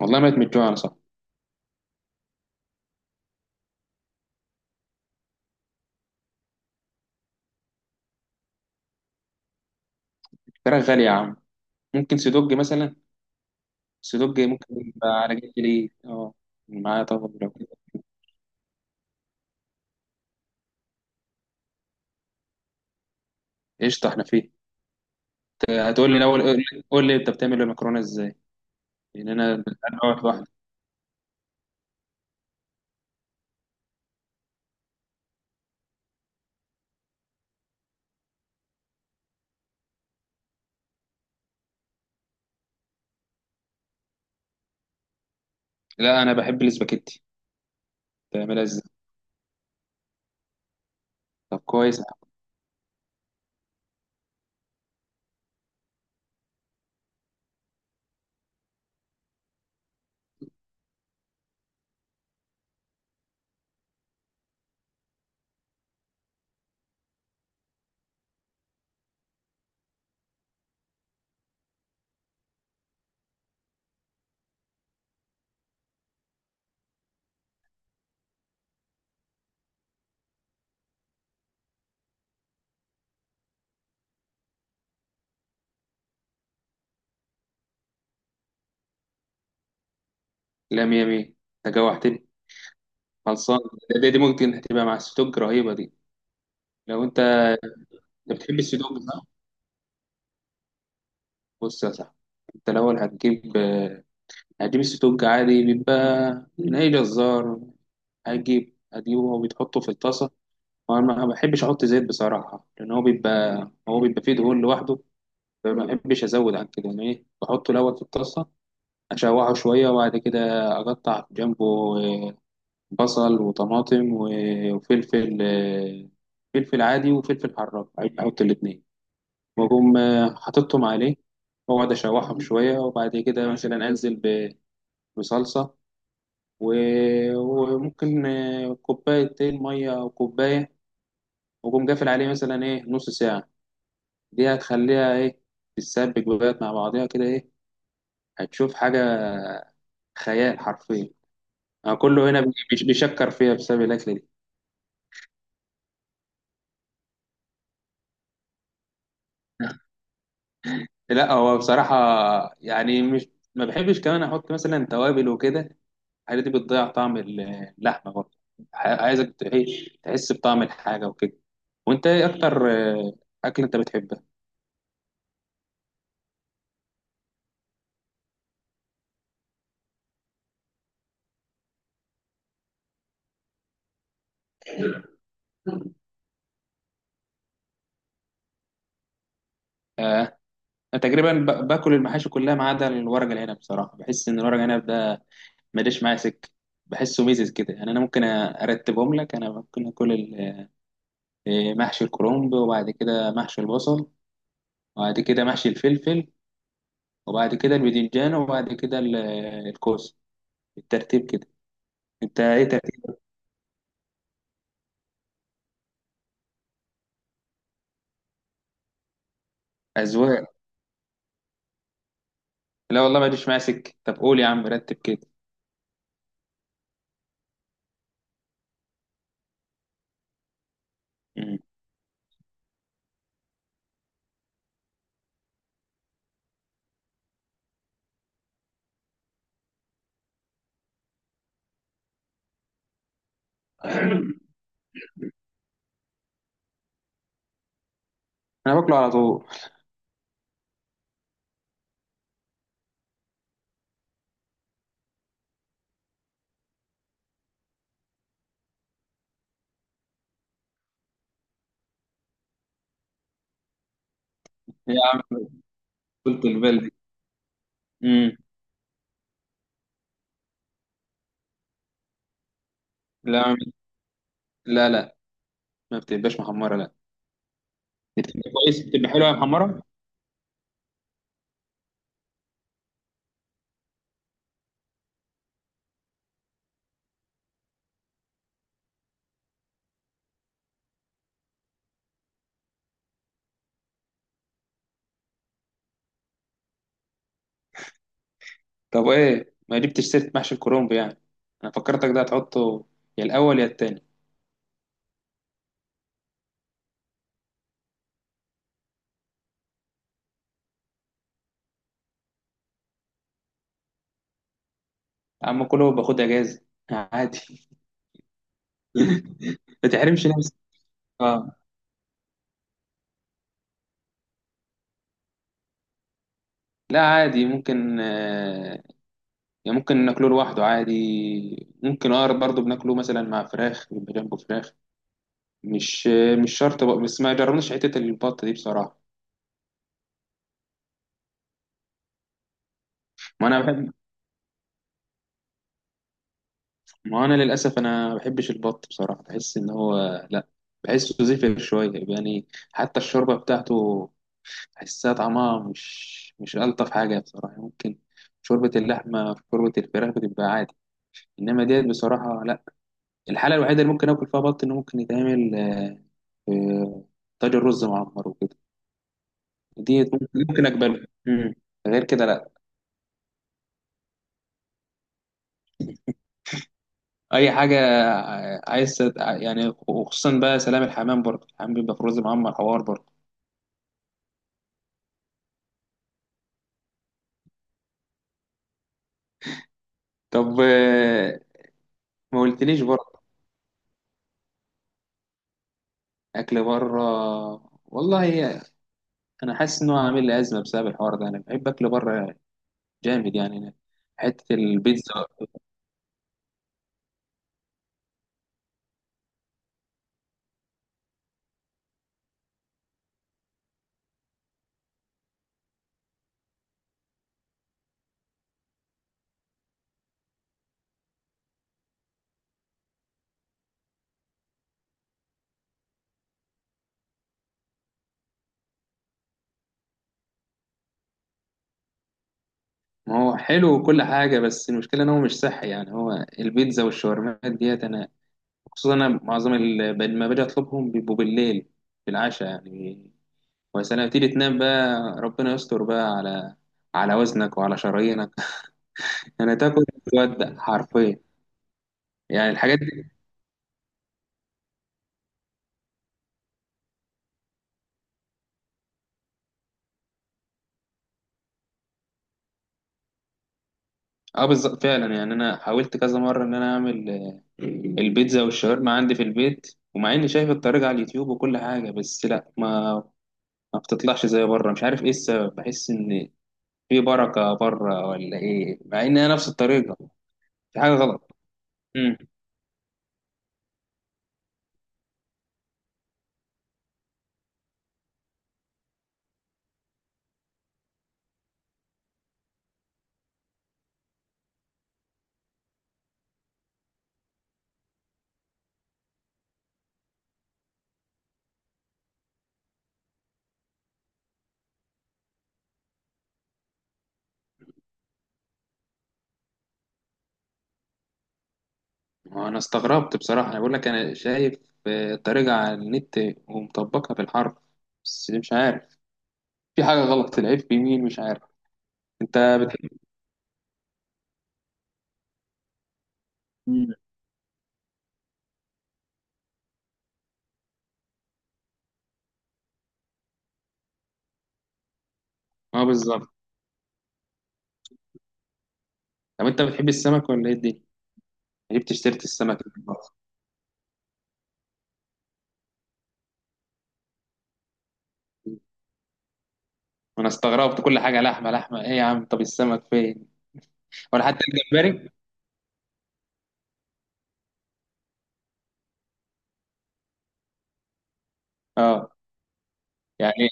والله مات من الجوع انا، صح. الفراخ غالية يا عم. ممكن سيدوج مثلا. سيدوج ممكن يبقى على جنب ليه، اه. معايا طبعا لو كده. قشطة، احنا فيه. هتقول لي الاول، قول لي انت بتعمل المكرونة ازاي. لان أنا واحد واحد. لا انا بحب الاسباجيتي. بتعملها ازاي؟ طب كويس يا عم. لا، مية مية. انت جوعتني. خلصان. دي ممكن هتبقى مع السيدوج رهيبة دي. لو انت. انت بتحب السيدوج، صح؟ بص يا صاحبي، انت الاول هتجيب هتجيب السيدوج عادي، بيبقى من اي جزار. هجيبه وبيتحطه في الطاسة. وأنا ما بحبش أحط زيت بصراحة، لأن هو بيبقى فيه دهون لوحده. فما بحبش أزود عن كده، يعني إيه بحطه الأول في الطاسة، أشوحه شوية، وبعد كده أقطع جنبه آه، بصل وطماطم وفلفل، فلفل عادي وفلفل حراق. أحط الاتنين، وأقوم حاططهم عليه، وأقعد أشوحهم شوية، وبعد كده مثلا أنزل بصلصة، وممكن كوبايتين مية أو كوباية، وقوم قافل عليه مثلا ايه نص ساعة. دي هتخليها ايه تتسبك بقى مع بعضيها كده ايه. هتشوف حاجة خيال حرفيا. أنا كله هنا بيشكر فيها بسبب الأكلة دي. لا هو بصراحة يعني، مش ما بحبش كمان أحط مثلا توابل وكده. الحاجات دي بتضيع طعم اللحمة برضه. عايزك تحس بطعم الحاجة وكده. وأنت إيه أكتر أكل أنت بتحبها؟ أنا تقريبا باكل المحاشي كلها ما عدا الورق العنب، بصراحة بحس إن الورق العنب ده ماليش معايا سكه. بحسه ميزز كده يعني. انا ممكن ارتبهم لك. انا ممكن اكل محشي الكرنب، وبعد كده محشي البصل، وبعد كده محشي الفلفل، وبعد كده الباذنجان، وبعد كده الكوسه، بالترتيب كده. انت ايه ترتيب؟ اذواق. لا والله ماليش معايا سكه. طب قول يا عم، رتب كده. مم. انا باكله على طول. يا عم، قلت البلدي. امم لا، لا، لا، ما بتبقاش محمره، لا. بتبقى كويس، بتبقى حلوه يا محمره. طب ايه ما جبتش سيرة محشي الكرنب يعني؟ انا فكرتك ده هتحطه يا الاول يا التاني. يا عم كله باخد اجازة عادي. ما تحرمش نفسك. اه. لا عادي ممكن يعني ممكن ناكله لوحده عادي. ممكن اقرب برضه بناكله مثلا مع فراخ، بيبقى جنبه فراخ. مش شرط بقى، بس ما جربناش حتة البط دي بصراحة. ما انا بحب ما انا للاسف، انا ما بحبش البط بصراحة، بحس ان هو، لا، بحسه زفر شوية يعني. حتى الشوربة بتاعته بحسها طعمها مش ألطف حاجة بصراحة. ممكن شوربة اللحمة، في شوربة الفراخ بتبقى عادي، إنما ديت بصراحة لأ. الحالة الوحيدة اللي ممكن آكل فيها بط، إنه ممكن يتعمل في طاجن رز معمر وكده. ديت ممكن أقبلها. مم. غير كده لأ. أي حاجة عايز يعني، وخصوصا بقى سلام الحمام، برضه الحمام بيبقى في رز معمر حوار برضه. طب ما قلتليش برضه. أكل بره؟ والله أنا حاسس إنه عامل لي أزمة بسبب الحوار ده. أنا بحب أكل بره جامد يعني. حتة البيتزا. ما هو حلو وكل حاجة، بس المشكلة إن هو مش صحي يعني. هو البيتزا والشاورمات ديت، أنا خصوصا أنا معظم لما باجي أطلبهم بيبقوا بالليل، بالعشاء يعني. وسلام، تيجي تنام بقى، ربنا يستر بقى على وزنك وعلى شرايينك. يعني تاكل تودع حرفيا. يعني الحاجات دي. اه بالظبط فعلا. يعني أنا حاولت كذا مرة إن أنا أعمل البيتزا والشاورما عندي في البيت، ومع إني شايف الطريقة على اليوتيوب وكل حاجة، بس لأ، ما بتطلعش زي بره. مش عارف ايه السبب. بحس ان في بركه بره ولا ايه، مع ان هي نفس الطريقه. في حاجه غلط. امم انا استغربت بصراحه. انا بقول لك، انا شايف الطريقه على النت، ومطبقها في الحرب، بس مش عارف، في حاجه غلط. العيب في مين، مش عارف. انت بتحب. مم. اه بالظبط. طب انت بتحب السمك ولا ايه الدنيا؟ اشتريت السمك النهاردة. انا استغربت، كل حاجه لحمه لحمه، ايه يا عم، طب السمك فين؟ ولا حتى الجمبري. اه، يعني،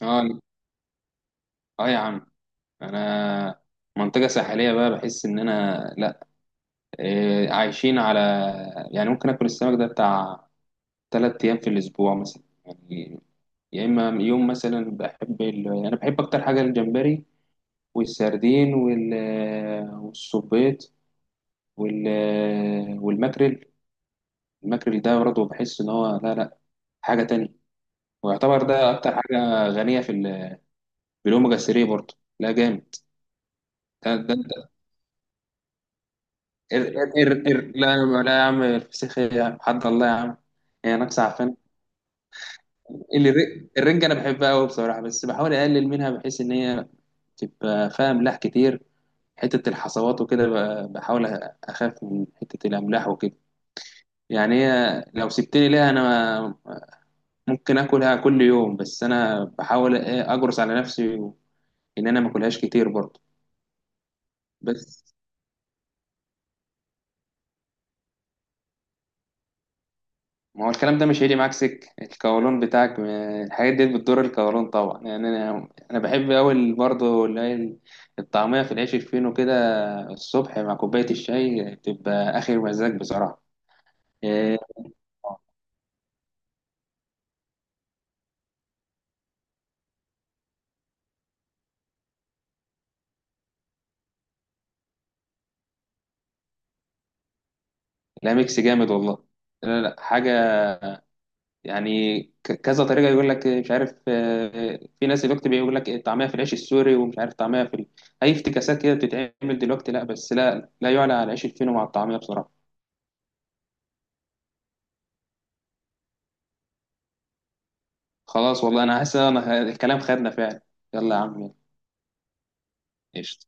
اه. اه يا عم، انا منطقة ساحلية بقى، بحس ان انا، لا، إيه، عايشين على، يعني ممكن اكل السمك ده بتاع ثلاث ايام في الاسبوع مثلا يعني. يا اما يوم مثلا. بحب يعني انا بحب اكتر حاجة الجمبري والسردين والصبيط وال... والماكريل. الماكريل ده برضه بحس ان هو، لا، لا، حاجة تانية. ويعتبر ده اكتر حاجة غنية في بالاوميجا 3 برضه. لا جامد. ده قر، قر قر. لا يا عم، الفسيخ إيه يا عم، حد الله يا عم. هي ناقصة عفان. الرنجة أنا بحبها أوي بصراحة، بس بحاول أقلل منها بحيث إن هي تبقى فيها أملاح كتير. حتة الحصوات وكده، بحاول أخاف من حتة الأملاح وكده. يعني هي لو سبتني ليها، أنا ممكن آكلها كل يوم، بس أنا بحاول أجرس على نفسي إن أنا ما أكلهاش كتير برضه. بس ما هو الكلام ده مش هيجي معاك سكة القولون بتاعك. الحاجات دي بتضر القولون طبعا يعني. انا بحب اوي برضه اللي هي الطعمية في العيش الفينو كده. الصبح مع كوباية الشاي بتبقى اخر مزاج بصراحة. إيه، لا ميكس جامد والله. لا، لا حاجة يعني. كذا طريقة يقول لك مش عارف. في ناس دلوقتي بيقول لك طعمها في العيش السوري، ومش عارف طعمها في أي افتكاسات كده بتتعمل دلوقتي. لا، بس لا لا يعلى على العيش الفينو مع الطعمية بصراحة. خلاص والله انا حاسس ان الكلام خدنا فعلا. يلا يا عم، يلا. قشطة